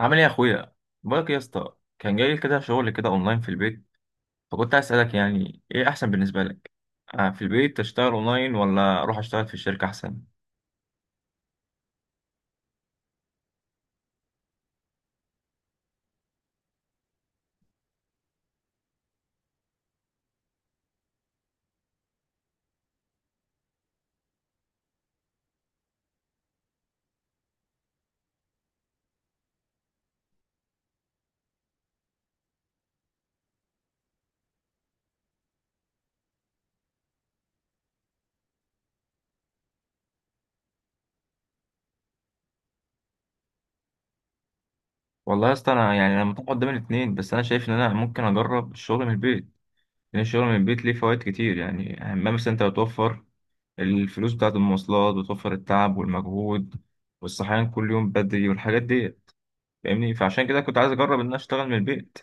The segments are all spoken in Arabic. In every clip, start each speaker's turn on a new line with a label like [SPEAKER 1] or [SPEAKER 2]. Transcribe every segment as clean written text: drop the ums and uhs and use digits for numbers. [SPEAKER 1] عامل ايه يا اخويا؟ بقولك إيه يا اسطى، كان جاي لي كده شغل كده اونلاين في البيت، فكنت عايز اسالك يعني ايه احسن بالنسبه لك. آه، في البيت تشتغل اونلاين ولا اروح اشتغل في الشركه احسن؟ والله يا اسطى انا متاح قدام الاثنين، بس انا شايف ان انا ممكن اجرب الشغل من البيت، لان الشغل من البيت ليه فوائد كتير. يعني اهمها مثلا انت بتوفر الفلوس بتاعه المواصلات، وتوفر التعب والمجهود والصحيان كل يوم بدري والحاجات دي، فاهمني؟ فعشان كده كنت عايز اجرب ان انا اشتغل من البيت.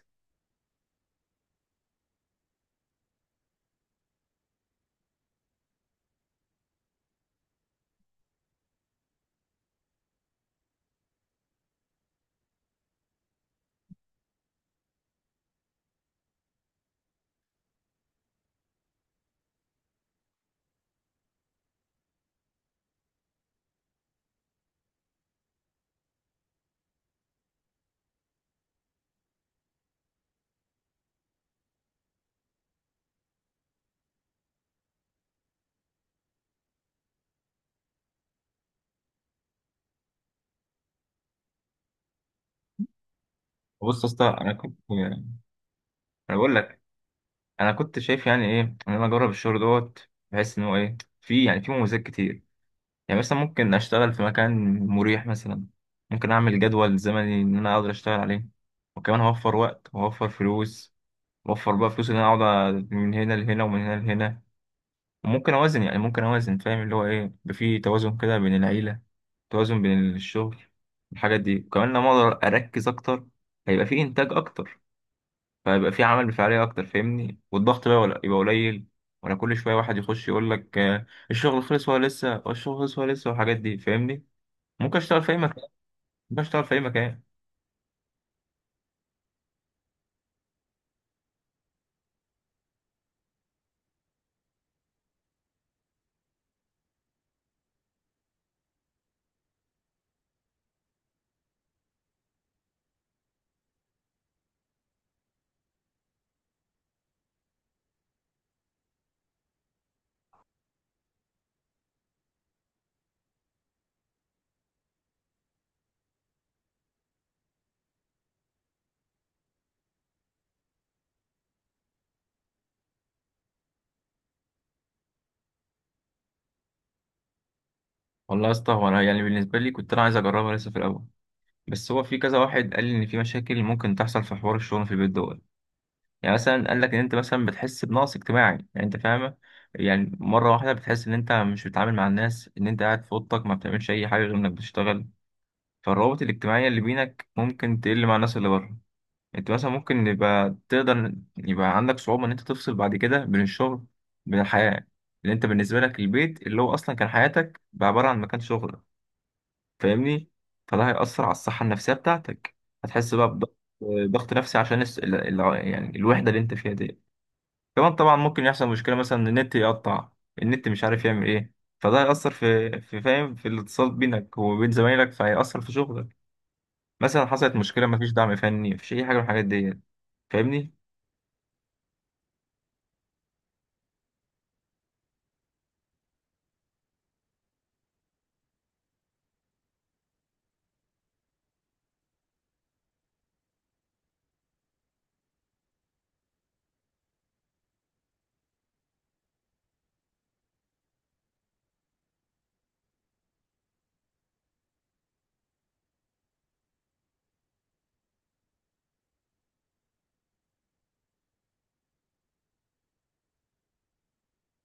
[SPEAKER 1] بص يا اسطى، انا كنت، انا بقول، انا كنت شايف يعني ايه، ان انا اجرب الشغل دوت، بحيث ان هو ايه، في يعني في مميزات كتير. يعني مثلا ممكن اشتغل في مكان مريح، مثلا ممكن اعمل جدول زمني ان انا اقدر اشتغل عليه، وكمان هوفر وقت وهوفر فلوس. وفر بقى فلوس ان انا اقعد من هنا لهنا ومن هنا لهنا، وممكن اوازن يعني ممكن اوازن فاهم اللي هو ايه، يبقى في توازن كده بين العيله، توازن بين الشغل، الحاجات دي. وكمان لما اقدر اركز اكتر، هيبقى في انتاج اكتر، فيبقى في عمل بفاعلية أكتر، فاهمني؟ والضغط بقى ولا يبقى قليل، ولا كل شوية واحد يخش يقول لك الشغل خلص ولا لسه، والشغل خلص ولا لسه، والحاجات دي، فاهمني؟ ممكن أشتغل في أي مكان، ممكن أشتغل في أي مكان. والله يا اسطى، هو أنا يعني بالنسبة لي كنت أنا عايز أجربها لسه في الأول، بس هو في كذا واحد قال لي إن في مشاكل ممكن تحصل في حوار الشغل في البيت دوت. يعني مثلا قال لك إن أنت مثلا بتحس بنقص اجتماعي، يعني أنت فاهمة، يعني مرة واحدة بتحس إن أنت مش بتتعامل مع الناس، إن أنت قاعد في أوضتك ما بتعملش أي حاجة غير إنك بتشتغل. فالروابط الاجتماعية اللي بينك ممكن تقل مع الناس اللي بره. انت مثلا ممكن يبقى تقدر يبقى عندك صعوبة ان انت تفصل بعد كده بين الشغل، بين الحياة، لان انت بالنسبة لك البيت اللي هو اصلا كان حياتك بقى عبارة عن مكان شغلك، فاهمني؟ فده هيأثر على الصحة النفسية بتاعتك، هتحس بقى بضغط، ضغط نفسي عشان يعني الوحدة اللي انت فيها دي. كمان طبعا ممكن يحصل مشكلة، مثلا ان النت يقطع، النت مش عارف يعمل ايه، فده هيأثر في الاتصال بينك وبين زمايلك، فهيأثر في شغلك. مثلا حصلت مشكله، مفيش دعم فني، مفيش اي حاجه من الحاجات ديت، فاهمني؟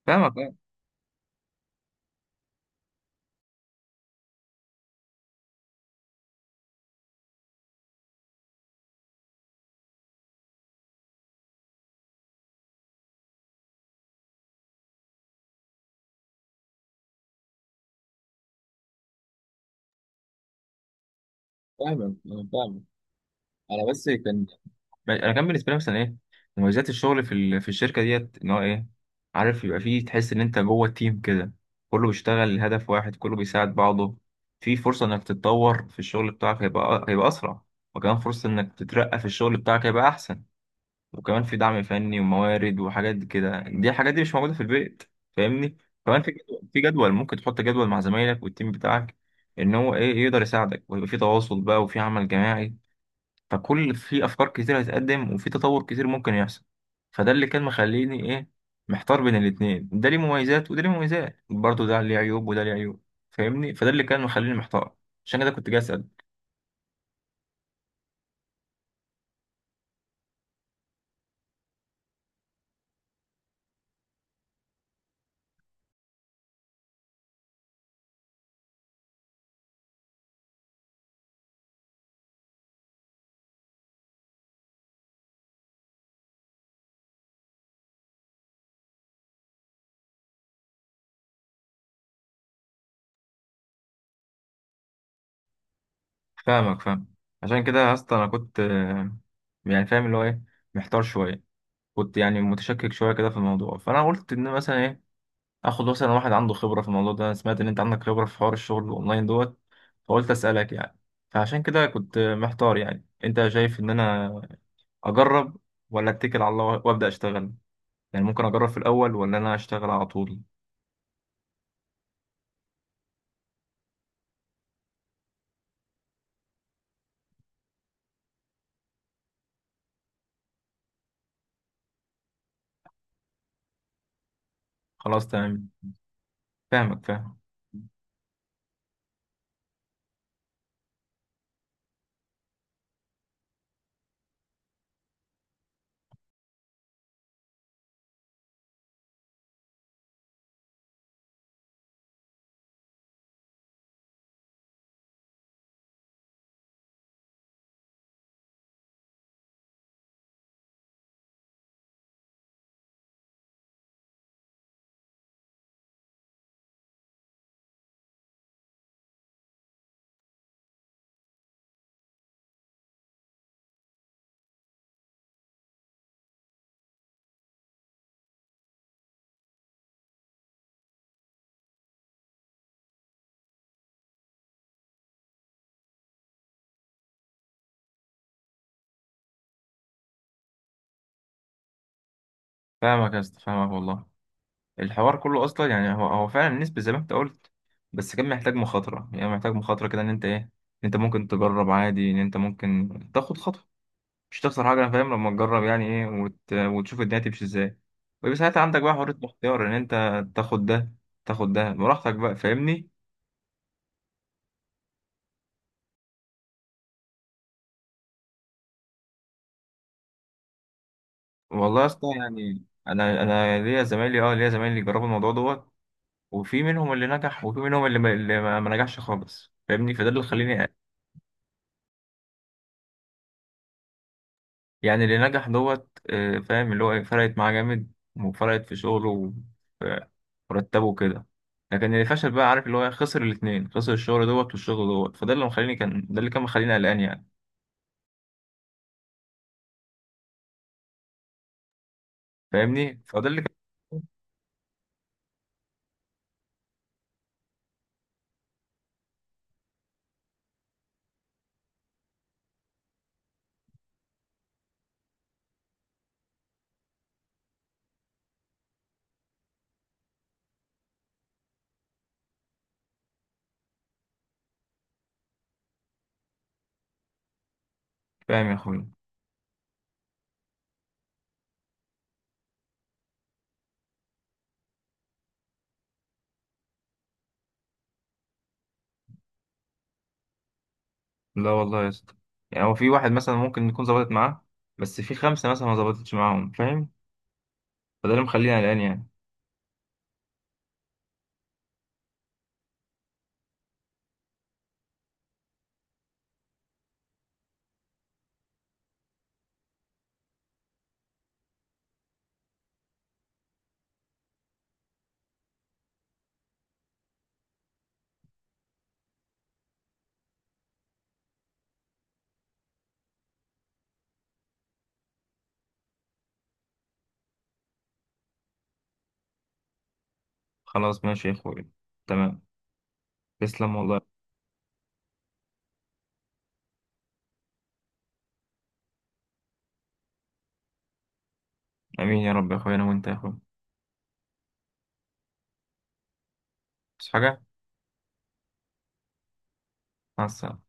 [SPEAKER 1] فاهمك آه، فاهمك انا فاهمك. انا بس كان، انا كان بالنسبه لي مثلا ايه مميزات الشغل في الشركه ديت، ان هو ايه، عارف يبقى فيه، تحس ان انت جوه التيم كده، كله بيشتغل لهدف واحد، كله بيساعد بعضه. في فرصه انك تتطور في الشغل بتاعك، هيبقى اسرع، وكمان فرصه انك تترقى في الشغل بتاعك هيبقى احسن. وكمان في دعم فني وموارد وحاجات دي كده، دي الحاجات دي مش موجودة في البيت، فاهمني؟ كمان في جدول ممكن تحط جدول مع زمايلك والتيم بتاعك، ان هو ايه، يقدر يساعدك، ويبقى في تواصل بقى وفي عمل جماعي، فكل في افكار كتير هتقدم، وفي تطور كتير ممكن يحصل. فده اللي كان مخليني ايه، محتار بين الاتنين، ده ليه مميزات وده ليه مميزات، برضه ده ليه عيوب وده ليه عيوب، فاهمني؟ فده اللي كان مخليني محتار، عشان كده كنت جاي اسال. فاهمك فاهم، عشان كده يا اسطى انا كنت يعني فاهم اللي هو ايه، محتار شوية، كنت يعني متشكك شويه كده في الموضوع، فانا قلت ان مثلا ايه، اخد مثلا واحد عنده خبره في الموضوع ده، انا سمعت ان انت عندك خبره في حوار الشغل الاونلاين دوت، فقلت اسالك يعني. فعشان كده كنت محتار، يعني انت شايف ان انا اجرب ولا اتكل على الله وابدا اشتغل؟ يعني ممكن اجرب في الاول ولا انا اشتغل على طول؟ خلاص تمام، فاهمك فاهم. فاهمك يا اسطى، فاهمك والله. الحوار كله اصلا يعني هو فعلا نسبي زي ما انت قلت، بس كان محتاج مخاطره، يعني محتاج مخاطره كده، ان انت ايه، إن انت ممكن تجرب عادي، ان انت ممكن تاخد خطوه، مش هتخسر حاجة، أنا فاهم لما تجرب يعني إيه وتشوف الدنيا تمشي إزاي، ويبقى ساعتها عندك بقى حرية الاختيار، إن أنت تاخد ده تاخد ده براحتك بقى، فاهمني؟ والله يا اسطى، يعني أنا ليا زمايلي جربوا الموضوع دوت، وفي منهم اللي نجح، وفي منهم اللي ما نجحش خالص، فاهمني؟ فده اللي خليني يعني. اللي نجح دوت آه، فاهم اللي هو إيه، فرقت معاه جامد، وفرقت في شغله وفي مرتبه كده. لكن اللي فشل بقى، عارف اللي هو إيه، خسر الاتنين، خسر الشغل دوت والشغل دوت، فده اللي مخليني كان ده اللي كان مخليني قلقان يعني، فاهمني؟ فده اللي كان فاهم يا اخويا. لا والله يا اسطى، يعني هو في واحد مثلا ممكن يكون ظبطت معاه، بس في خمسة مثلا ما ظبطتش معاهم، فاهم؟ فده اللي مخليني قلقان يعني. خلاص ماشي يا اخويا، تمام، تسلم والله. امين يا رب، يا اخويا انا وانت يا اخويا. بس حاجة، مع السلامة.